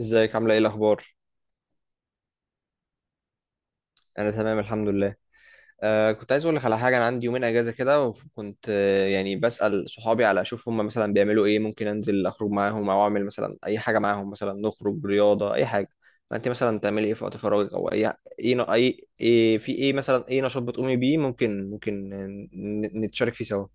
ازيك؟ عامله ايه؟ الاخبار؟ انا تمام الحمد لله. كنت عايز اقول لك على حاجه. انا عندي يومين اجازه كده، وكنت يعني بسال صحابي على اشوف هم مثلا بيعملوا ايه، ممكن انزل اخرج معاهم او اعمل مثلا اي حاجه معاهم، مثلا نخرج رياضه اي حاجه. ما انت مثلا تعملي ايه في وقت فراغك او اي؟ ايه ن- اي إيه في، ايه مثلا، ايه نشاط بتقومي بيه؟ ممكن نتشارك فيه سوا.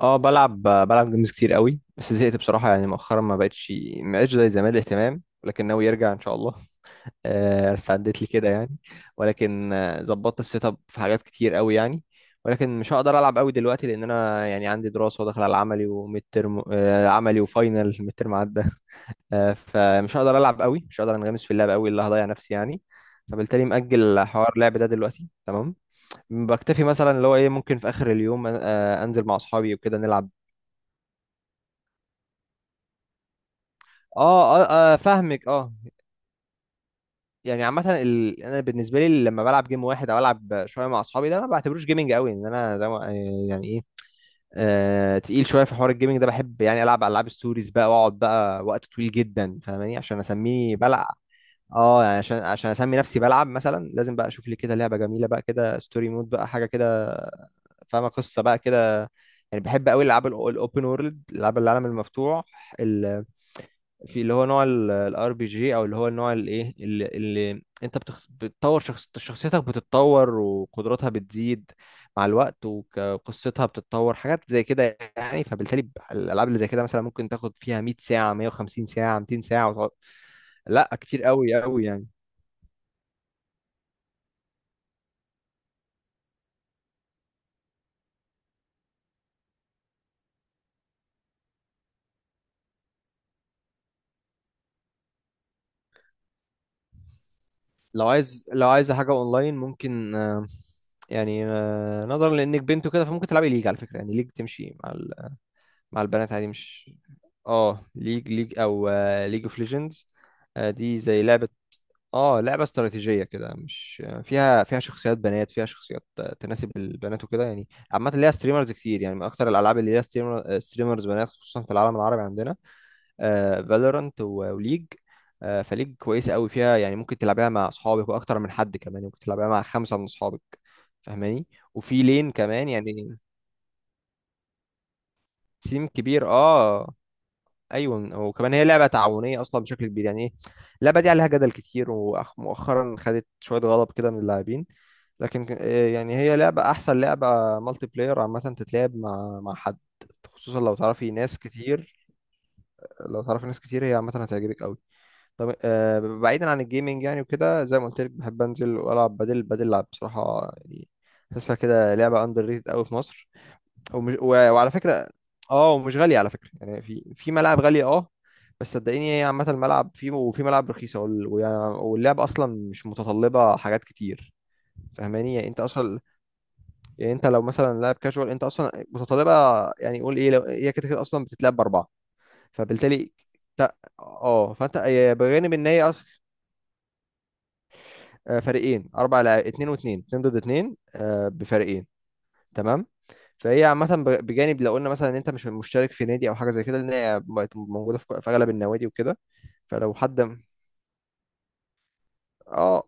اه، بلعب جيمز كتير قوي، بس زهقت بصراحة. يعني مؤخرا ما بقتش زي زمان الاهتمام، ولكن ناوي يرجع ان شاء الله. ساعدت لي كده يعني. ولكن ظبطت السيت اب في حاجات كتير قوي يعني. ولكن مش هقدر العب قوي دلوقتي لان انا يعني عندي دراسه وداخل على عملي وميد ترم عملي وفاينل ميد ترم عدى. فمش هقدر العب قوي، مش هقدر انغمس في اللعب قوي اللي هضيع نفسي يعني. فبالتالي مأجل حوار اللعب ده دلوقتي، تمام. بكتفي مثلا اللي هو ايه، ممكن في اخر اليوم انزل مع اصحابي وكده نلعب. اه اه، فاهمك اه. يعني عامة، أنا بالنسبة لي لما بلعب جيم واحد أو ألعب شوية مع أصحابي، ده ما بعتبروش جيمنج قوي إن أنا زي ما يعني إيه، تقيل شوية في حوار الجيمنج ده. بحب يعني ألعب ألعاب ستوريز بقى وأقعد بقى وقت طويل جدا، فاهماني، عشان أسميه بلعب. اه يعني عشان اسمي نفسي بلعب مثلا لازم بقى اشوف لي كده لعبه جميله بقى كده، ستوري مود بقى، حاجه كده فاهمه، قصه بقى كده يعني. بحب قوي الالعاب الاوبن وورلد، الالعاب العالم المفتوح، في اللي هو نوع الار بي جي، او اللي هو النوع الايه اللي انت شخصيتك بتتطور، وقدراتها بتزيد مع الوقت، وقصتها بتتطور، حاجات زي كده يعني. فبالتالي الالعاب اللي زي كده مثلا ممكن تاخد فيها 100 ساعة، 150 ساعة، 200 ساعة، وتقعد. لا كتير قوي قوي يعني. لو عايز حاجة اونلاين ممكن، يعني نظرا لانك بنت وكده فممكن تلعبي ليج على فكرة. يعني ليج تمشي مع مع البنات عادي، مش... اه، ليج او ليج اوف ليجندز. دي زي لعبة، اه، لعبة استراتيجية كده، مش فيها شخصيات بنات، فيها شخصيات تناسب البنات وكده يعني. عامة ليها ستريمرز كتير، يعني من اكتر الالعاب اللي ليها ستريمرز بنات خصوصا في العالم العربي عندنا، فالورانت وليج. فليج كويسة قوي فيها يعني، ممكن تلعبها مع اصحابك، واكتر من حد كمان، ممكن تلعبها مع خمسة من اصحابك فاهماني، وفي لين كمان يعني. تيم كبير اه. ايوه، وكمان هي لعبه تعاونيه اصلا بشكل كبير يعني، ايه. اللعبه دي عليها جدل كتير، ومؤخرا خدت شويه غضب كده من اللاعبين. لكن إيه يعني، هي لعبه احسن لعبه مالتي بلاير عامه، تتلعب مع حد، خصوصا لو تعرفي ناس كتير. لو تعرفي ناس كتير هي عامه هتعجبك قوي. طب بعيدا عن الجيمنج يعني وكده، زي ما قلت لك بحب انزل والعب بدل، بدل بصراحه يعني. بحسها كده لعبه اندر ريتد قوي في مصر، ومش وعلى فكرة اه، ومش غالية على فكرة يعني. في في ملاعب غالية اه، بس صدقيني هي عامة الملعب فيه، وفي ملاعب رخيصة واللعب أصلا مش متطلبة حاجات كتير فاهماني، يعني أنت أصلا، يعني أنت لو مثلا لاعب كاجوال أنت أصلا متطلبة. يعني قول إيه، لو هي كده كده أصلا بتتلعب بأربعة، فبالتالي أنت، اه فأنت هي بجانب إن هي أصلا، فريقين، أربع لاعب، اتنين واتنين، اتنين ضد اتنين بفريقين. تمام. فهي عامة بجانب لو قلنا مثلا ان انت مش مشترك في نادي او حاجة زي كده، لان هي بقت موجودة في في اغلب النوادي وكده. فلو حد اه.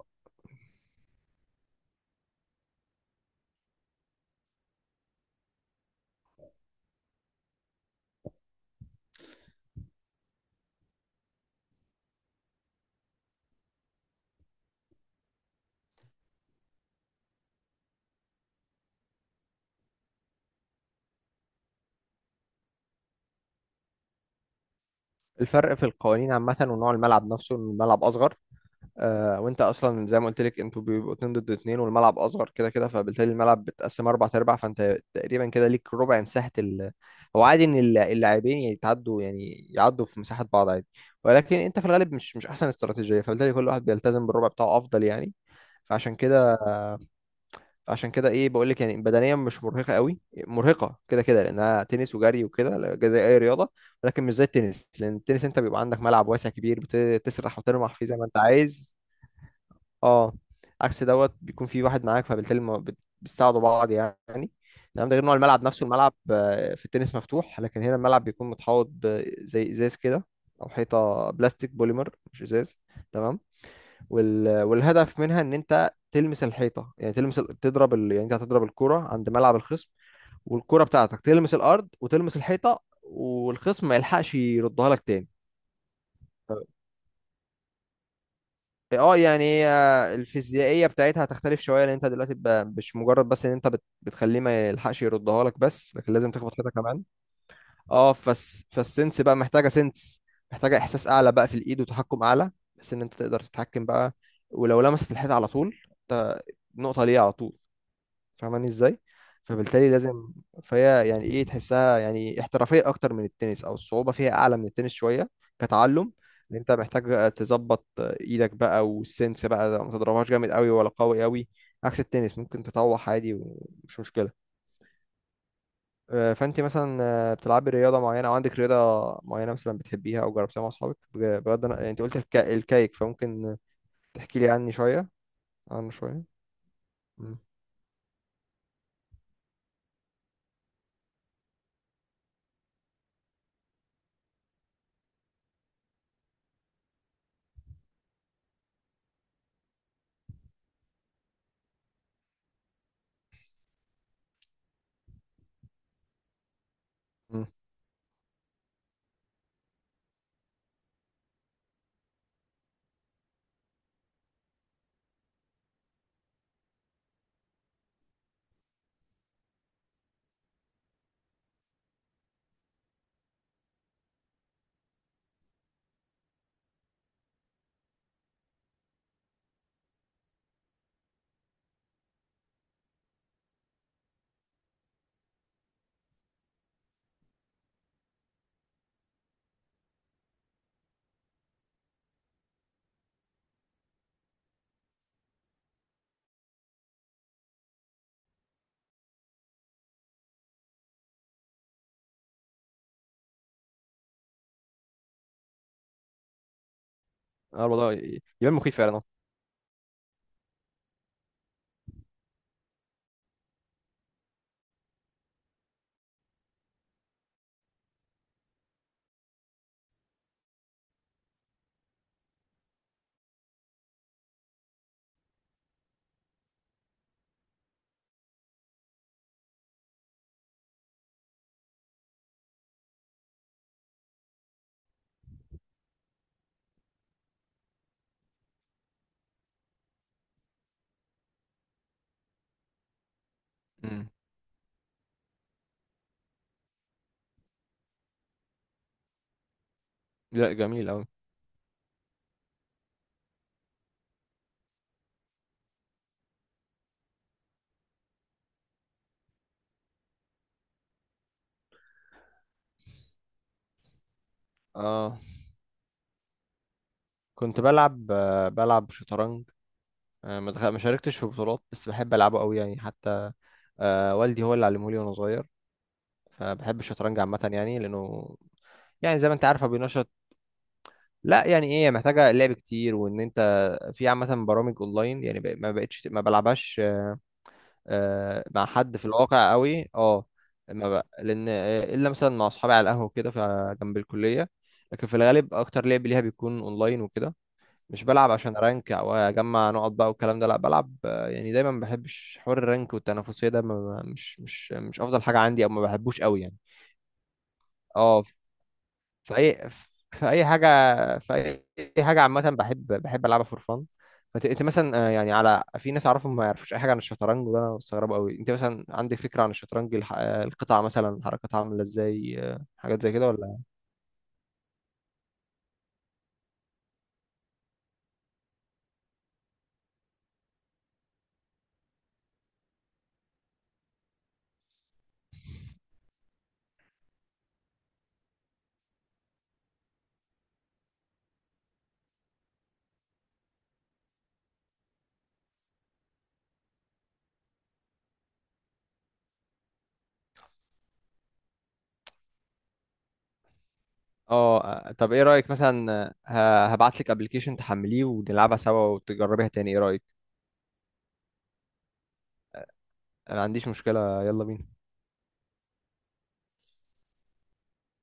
الفرق في القوانين عامة، ونوع الملعب نفسه، إن الملعب اصغر. وانت اصلا زي ما قلت لك انتوا بيبقوا اتنين ضد اتنين، والملعب اصغر كده كده، فبالتالي الملعب بتقسم اربع ارباع. فانت تقريبا كده ليك ربع مساحة هو عادي ان اللاعبين يتعدوا يعني يعدوا في مساحة بعض عادي، ولكن انت في الغالب مش احسن استراتيجية. فبالتالي كل واحد بيلتزم بالربع بتاعه افضل يعني. فعشان كده، عشان كده ايه بقول لك يعني، بدنيا مش مرهقه قوي. مرهقه كده كده لانها تنس وجري وكده، زي اي رياضه، ولكن مش زي التنس، لان التنس انت بيبقى عندك ملعب واسع كبير بتسرح وترمح فيه زي ما انت عايز. اه، عكس دوت بيكون في واحد معاك، فبالتالي ما بت- بتساعدوا بعض يعني. تمام. ده غير نوع الملعب نفسه. الملعب في التنس مفتوح، لكن هنا الملعب بيكون متحوط بزي ازاز كده، او حيطه بلاستيك بوليمر، مش ازاز. تمام. والهدف منها ان انت تلمس الحيطه، يعني تلمس تضرب يعني انت هتضرب الكوره عند ملعب الخصم، والكوره بتاعتك تلمس الارض وتلمس الحيطه، والخصم ما يلحقش يردها لك تاني. اه، يعني هي الفيزيائيه بتاعتها هتختلف شويه، لان انت دلوقتي مش مجرد بس ان انت بتخليه ما يلحقش يردها لك بس، لكن لازم تخبط حيطه كمان. اه فالسنس بقى محتاجه سنس، محتاجه احساس اعلى بقى في الايد وتحكم اعلى، بس ان انت تقدر تتحكم بقى. ولو لمست الحيطه على طول، انت نقطه ليه على طول، فاهماني ازاي؟ فبالتالي لازم. فهي يعني ايه تحسها يعني احترافيه اكتر من التنس، او الصعوبه فيها اعلى من التنس شويه كتعلم، ان انت محتاج تظبط ايدك بقى والسنس بقى، ما تضربهاش جامد قوي ولا قوي قوي، عكس التنس ممكن تطوح عادي ومش مشكله. فانت مثلا بتلعبي رياضه معينه او عندك رياضه معينه مثلا بتحبيها او جربتيها مع اصحابك؟ بجد انا، انت قلت الكايك، فممكن تحكي لي شويه عنه شويه. امم امم. اه الموضوع يبان مخيف فعلا اه. امم. لا جميل قوي. اه كنت بلعب بلعب شطرنج. ما شاركتش في بطولات بس بحب العبه قوي يعني، حتى والدي هو اللي علمه لي وانا صغير. فبحب الشطرنج عامه يعني، لانه يعني زي ما انت عارفه بينشط. لا يعني ايه، محتاجه لعب كتير، وان انت في عامه برامج اونلاين يعني. ما بلعبهاش مع حد في الواقع قوي اه. ما بق... لان الا مثلا مع اصحابي على القهوه كده جنب الكليه، لكن في الغالب اكتر لعب ليها بيكون اونلاين وكده. مش بلعب عشان ارانك او اجمع نقط بقى والكلام ده، لا بلعب يعني. دايما ما بحبش حوار الرانك والتنافسيه ده، مش افضل حاجه عندي او ما بحبوش قوي يعني. اه في اي، في اي حاجه، في اي، أي حاجه عامه بحب، العبها فور فان. انت مثلا يعني على، في ناس اعرفهم ما يعرفوش اي حاجه عن الشطرنج، وده انا مستغربه قوي. انت مثلا عندك فكره عن الشطرنج القطع مثلا حركتها عامله ازاي؟ حاجات زي كده ولا؟ اه طب ايه رايك مثلا هبعت لك ابلكيشن تحمليه ونلعبها سوا وتجربيها تاني، ايه رايك؟ انا ما عنديش مشكلة، يلا بينا.